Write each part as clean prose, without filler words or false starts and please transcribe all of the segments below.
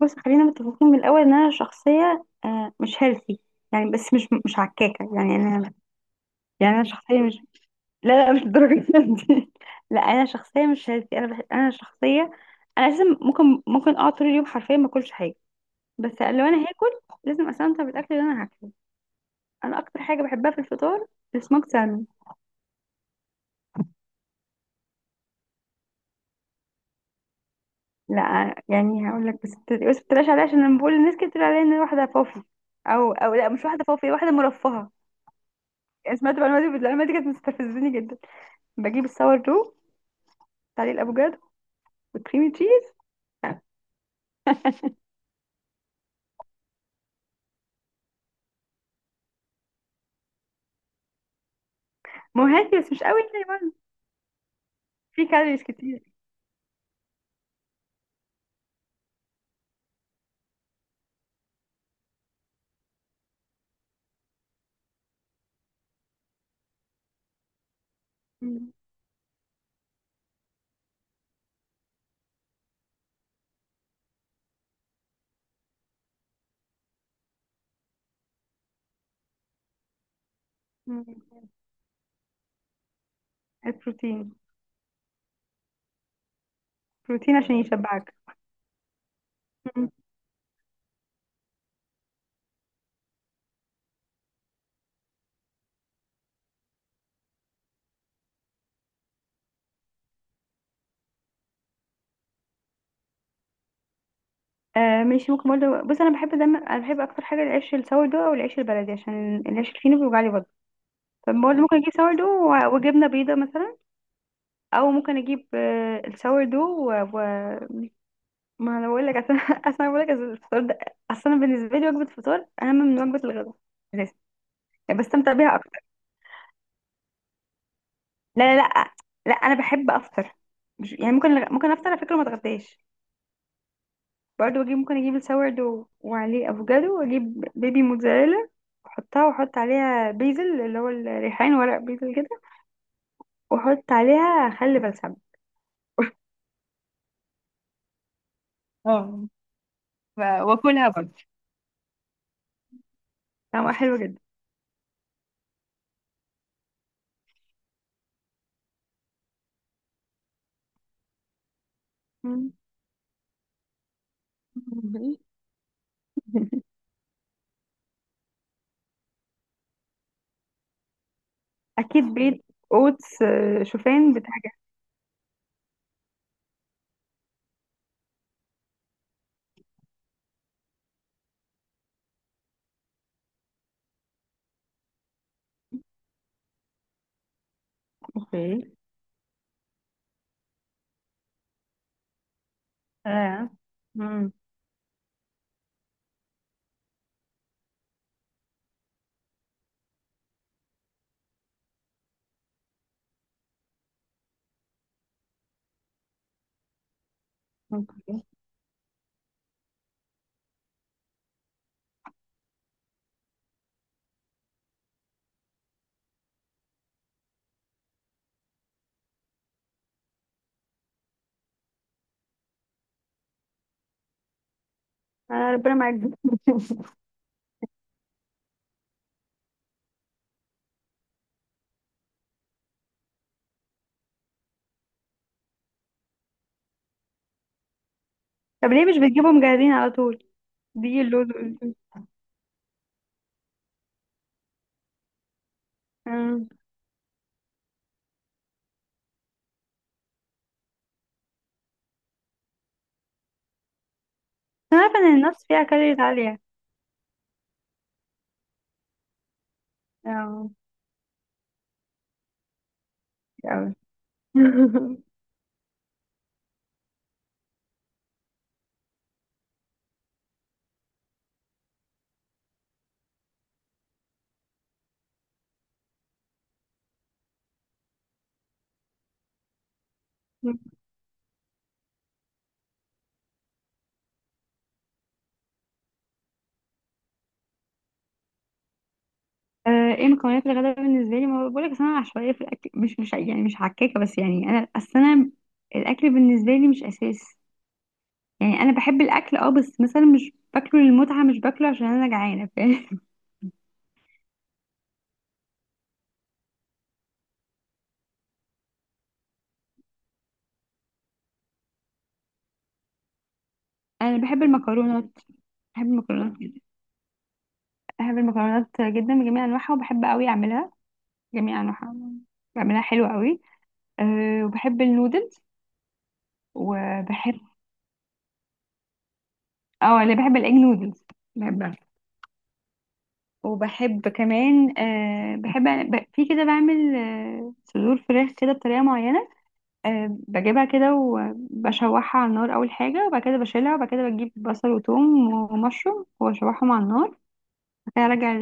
بص، خلينا متفقين من الاول ان انا شخصيه، آه، مش هيلثي يعني. بس مش عكاكه يعني. انا يعني انا شخصيه مش لا لا، مش الدرجه دي. لا انا شخصيه مش هيلثي. انا شخصيه انا لازم. ممكن اقعد طول اليوم حرفيا ما اكلش حاجه، بس لو انا هاكل لازم استمتع بالاكل اللي انا هاكله. انا اكتر حاجه بحبها في الفطار السموك سالمون. لا يعني هقول لك، بس ما تقلقش عليا، عشان لما بقول للناس كده بتقول عليا ان انا واحده فوفي. او لا، مش واحده فوفي، واحده مرفهه يعني. سمعت المعلومه دي، المعلومه دي كانت مستفزني جدا. بجيب الساور دو عليه الافوكادو والكريم تشيز. ما هو هيلثي بس مش قوي يعني برضه، في كالوريز كتير. مم. مم. البروتين، بروتين عشان يشبعك. مم. آه ماشي. ممكن برضه، بص، انا بحب دايما، انا بحب اكتر حاجه العيش الساور دو او العيش البلدي، عشان العيش الفينو بيوجع لي برضه. فبرضه ممكن اجيب ساور دو وجبنه بيضه مثلا، او ممكن اجيب آه الساور دو و... و... ما انا بقول لك اصل اصل انا بقول لك الفطار ده، اصل انا بالنسبه لي وجبه الفطار اهم من وجبه الغداء أساساً. بستمتع بيها. لا لا لا. لا انا بحب افطر. ممكن افطر على فكره، ما اتغداش. برضه اجيب، ممكن اجيب السورد وعليه افوكادو، واجيب بيبي موتزاريلا، واحطها واحط عليها بيزل اللي هو الريحان، ورق بيزل كده، واحط عليها خل بلسم. اه ف- واكلها برضه. طعمها حلو جدا. مم. اكيد بيض، اوتس، آه، شوفان بتاع كده. اوكي. اه. مم. اوكي. آه، ربنا معاك. طب ليه مش بتجيبهم جاهزين على طول؟ دي اللوز. أمم. أنا عارفة إن النفس فيها كالوريز عالية. اه. كتير أوي. آه، ايه مكونات الغداء بالنسبة لي؟ ما بقولك، أصل أنا عشوائية في الأكل. مش يعني مش حكاكة، بس يعني أنا، أصل أنا الأكل بالنسبة لي مش أساس. يعني أنا بحب الأكل، اه، بس مثلا مش باكله للمتعة، مش باكله عشان أنا جعانة، فاهم؟ أنا بحب المكرونات. بحب المكرونات جدا. بحب المكرونات جدا بجميع أنواعها، وبحب أوي أعملها، جميع أنواعها. بعملها حلوة أوي. أه، وبحب النودلز، وبحب، اه، انا بحب الاج نودلز، بحبها. وبحب كمان، آه بحب، في كده بعمل آه صدور فراخ كده بطريقه معينه. آه، بجيبها كده وبشوحها على النار اول حاجه، وبعد كده بشيلها، وبعد كده بجيب بصل وثوم ومشروم واشوحهم على النار، وبعد كده ارجع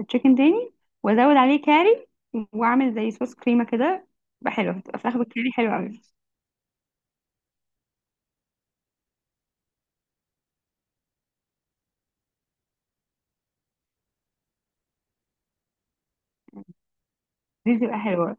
التشيكن تاني، وازود عليه كاري، واعمل زي صوص كريمه كده. بقى حلوه، بتبقى فراخ بالكاري حلوه قوي. دي بتبقى حلوه.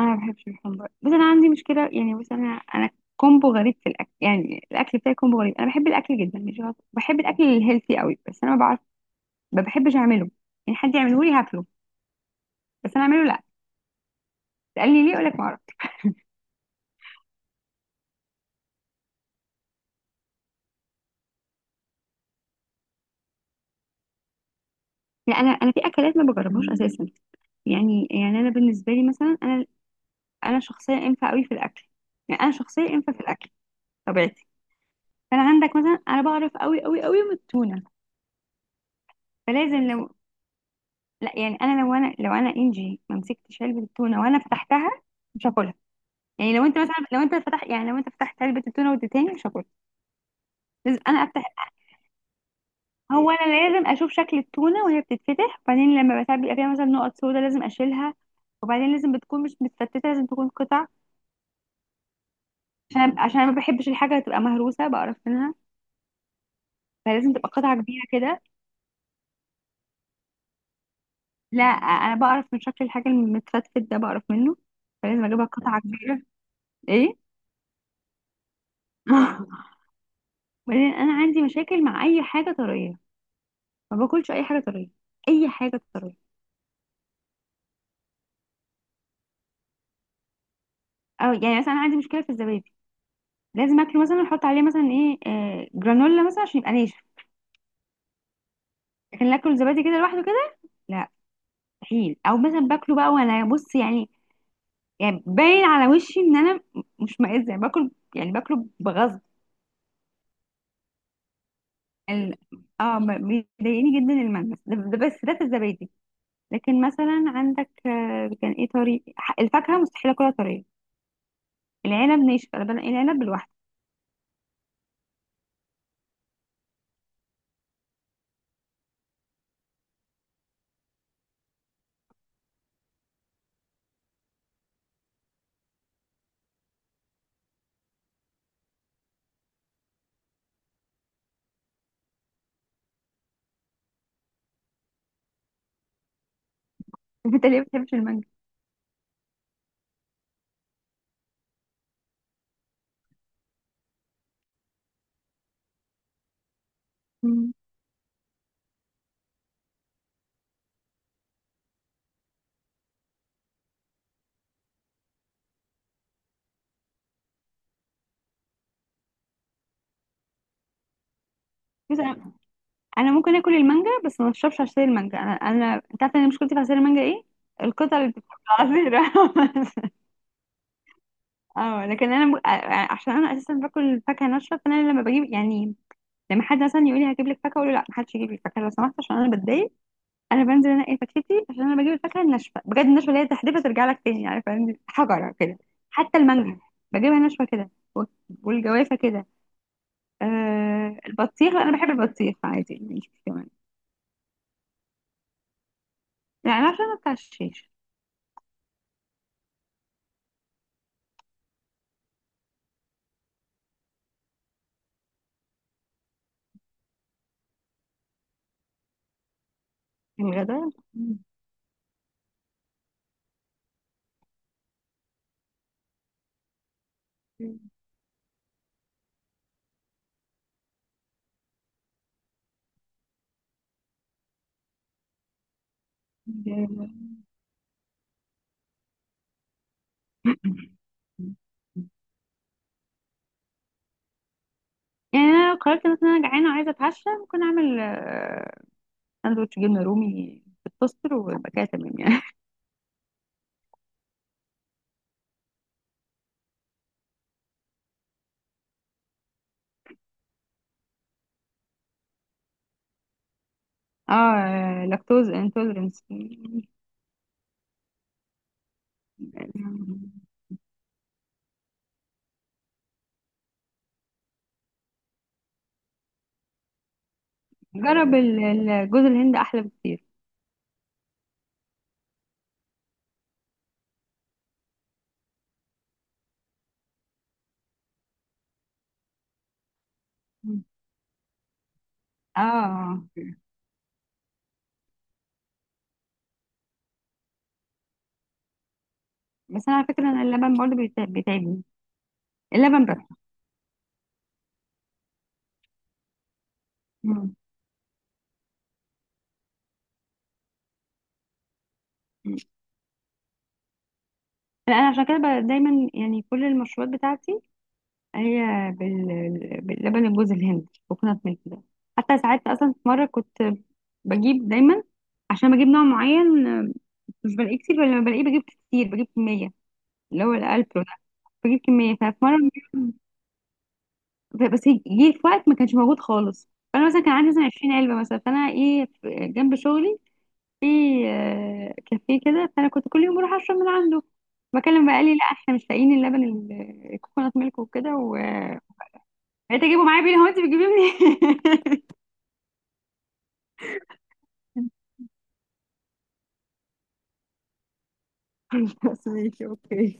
انا ما بحبش الحمبار، بس انا عندي مشكله يعني. بس انا انا كومبو غريب في الاكل، يعني الاكل بتاعي كومبو غريب. انا بحب الاكل جدا مش غلط، بحب الاكل الهيلثي قوي، بس انا ما بعرف ما بحبش اعمله. يعني حد يعمله لي هاكله، بس انا اعمله لا. قال لي ليه؟ اقول لك ما اعرف. لا انا في اكلات ما بجربهاش اساسا. يعني انا بالنسبه لي مثلا، انا انا شخصيه انفه قوي في الاكل، يعني انا شخصيه انفه في الاكل، طبيعتي. فانا عندك مثلا انا بعرف قوي قوي قوي من التونه. فلازم لو لا يعني انا لو انا انجي ما مسكتش علبه التونه وانا فتحتها، مش هاكلها. يعني لو انت مثلا، لو انت فتحت علبه التونه واديتهاني، مش هاكل. لازم انا افتح. هو انا لازم اشوف شكل التونه وهي بتتفتح، وبعدين لما بتاع بيبقى فيها مثلا نقط سودا لازم اشيلها، وبعدين لازم بتكون مش متفتته، لازم تكون قطع. عشان انا ما بحبش الحاجه تبقى مهروسه، بقرف منها. فلازم تبقى قطعه كبيره كده. لا انا بقرف من شكل الحاجه المتفتت ده، بقرف منه. فلازم اجيبها قطعه كبيره. ايه. وبعدين انا عندي مشاكل مع اي حاجه طريه. ما باكلش اي حاجه طريه، اي حاجه طريه. او يعني مثلا انا عندي مشكله في الزبادي، لازم اكله مثلا احط عليه مثلا ايه آه جرانولا مثلا، عشان يبقى ناشف. لكن اكله زبادي كده لوحده كده، لا، مستحيل. او مثلا باكله بقى وانا بص يعني، يعني باين على وشي ان انا مش مائزه يعني، باكل يعني باكله بغصب يعني. اه ب- بيضايقني جدا الملمس ده، ده بس ده في الزبادي. لكن مثلا عندك، آه، كان ايه طري، الفاكهه مستحيل اكلها طريه. العنب ناشف، انا بنقي العنب لوحده. انت ليه ما بتحبش المانجا؟ مم. بس انا ممكن اكل المانجا بس ما اشربش عصير المانجا. انا انت عارفه انا مشكلتي في عصير المانجا ايه؟ القطع اللي بتبقى عصير. اه، عشان انا اساسا باكل فاكهه ناشفه. فانا لما بجيب يعني، لما حد مثلا يقول لي هجيب لك فاكهه، اقول له لا، ما حدش يجيب لي فاكهه لو سمحت، عشان انا بتضايق. انا بنزل انقي فاكهتي، عشان انا بجيب الفاكهه الناشفه بجد، الناشفه اللي هي تحدفها ترجع لك تاني، عارفه يعني، حجره كده. حتى المانجا بجيبها ناشفه كده، وال- والجوافه كده. آه البطيخ، انا بحب البطيخ عادي، مش كمان. يعني عشان ما بتاع الشيش. الغداء. يعني أنا لو قررت مثلا أنا جعانة وعايزة أتعشى، ممكن أعمل آه، ساندوتش جبنة رومي في التوستر، ويبقى كده تمام يعني. اه، لاكتوز انتولرنس. جرب جوز الهند، أحلى بكتير. اه بس أنا على فكرة أنا اللبن برضه بيتعبني، اللبن بس. مم. لا أنا عشان كده دايما يعني كل المشروبات بتاعتي هي باللبن جوز الهند، كوكونات ميلك ده. حتى ساعات اصلا، في مره كنت بجيب دايما، عشان بجيب نوع معين، آه، مش بلاقيه كتير، ولا لما بلاقيه بجيب كتير، بجيب كميه، اللي هو الالبرو ده. بجيب كميه، ففي مره بس جه في وقت ما كانش موجود خالص. فانا مثلا كان عندي مثلا 20 علبه مثلا، فانا ايه، جنب شغلي في آه، كافيه كده، فانا كنت كل يوم بروح اشرب من عنده. بكلم بقى قال لي لا احنا مش لاقيين اللبن الكوكونات ميلك وكده و بقيت اجيبه معايا بيه. هو انت بتجيبيه منين؟ بس ماشي اوكي.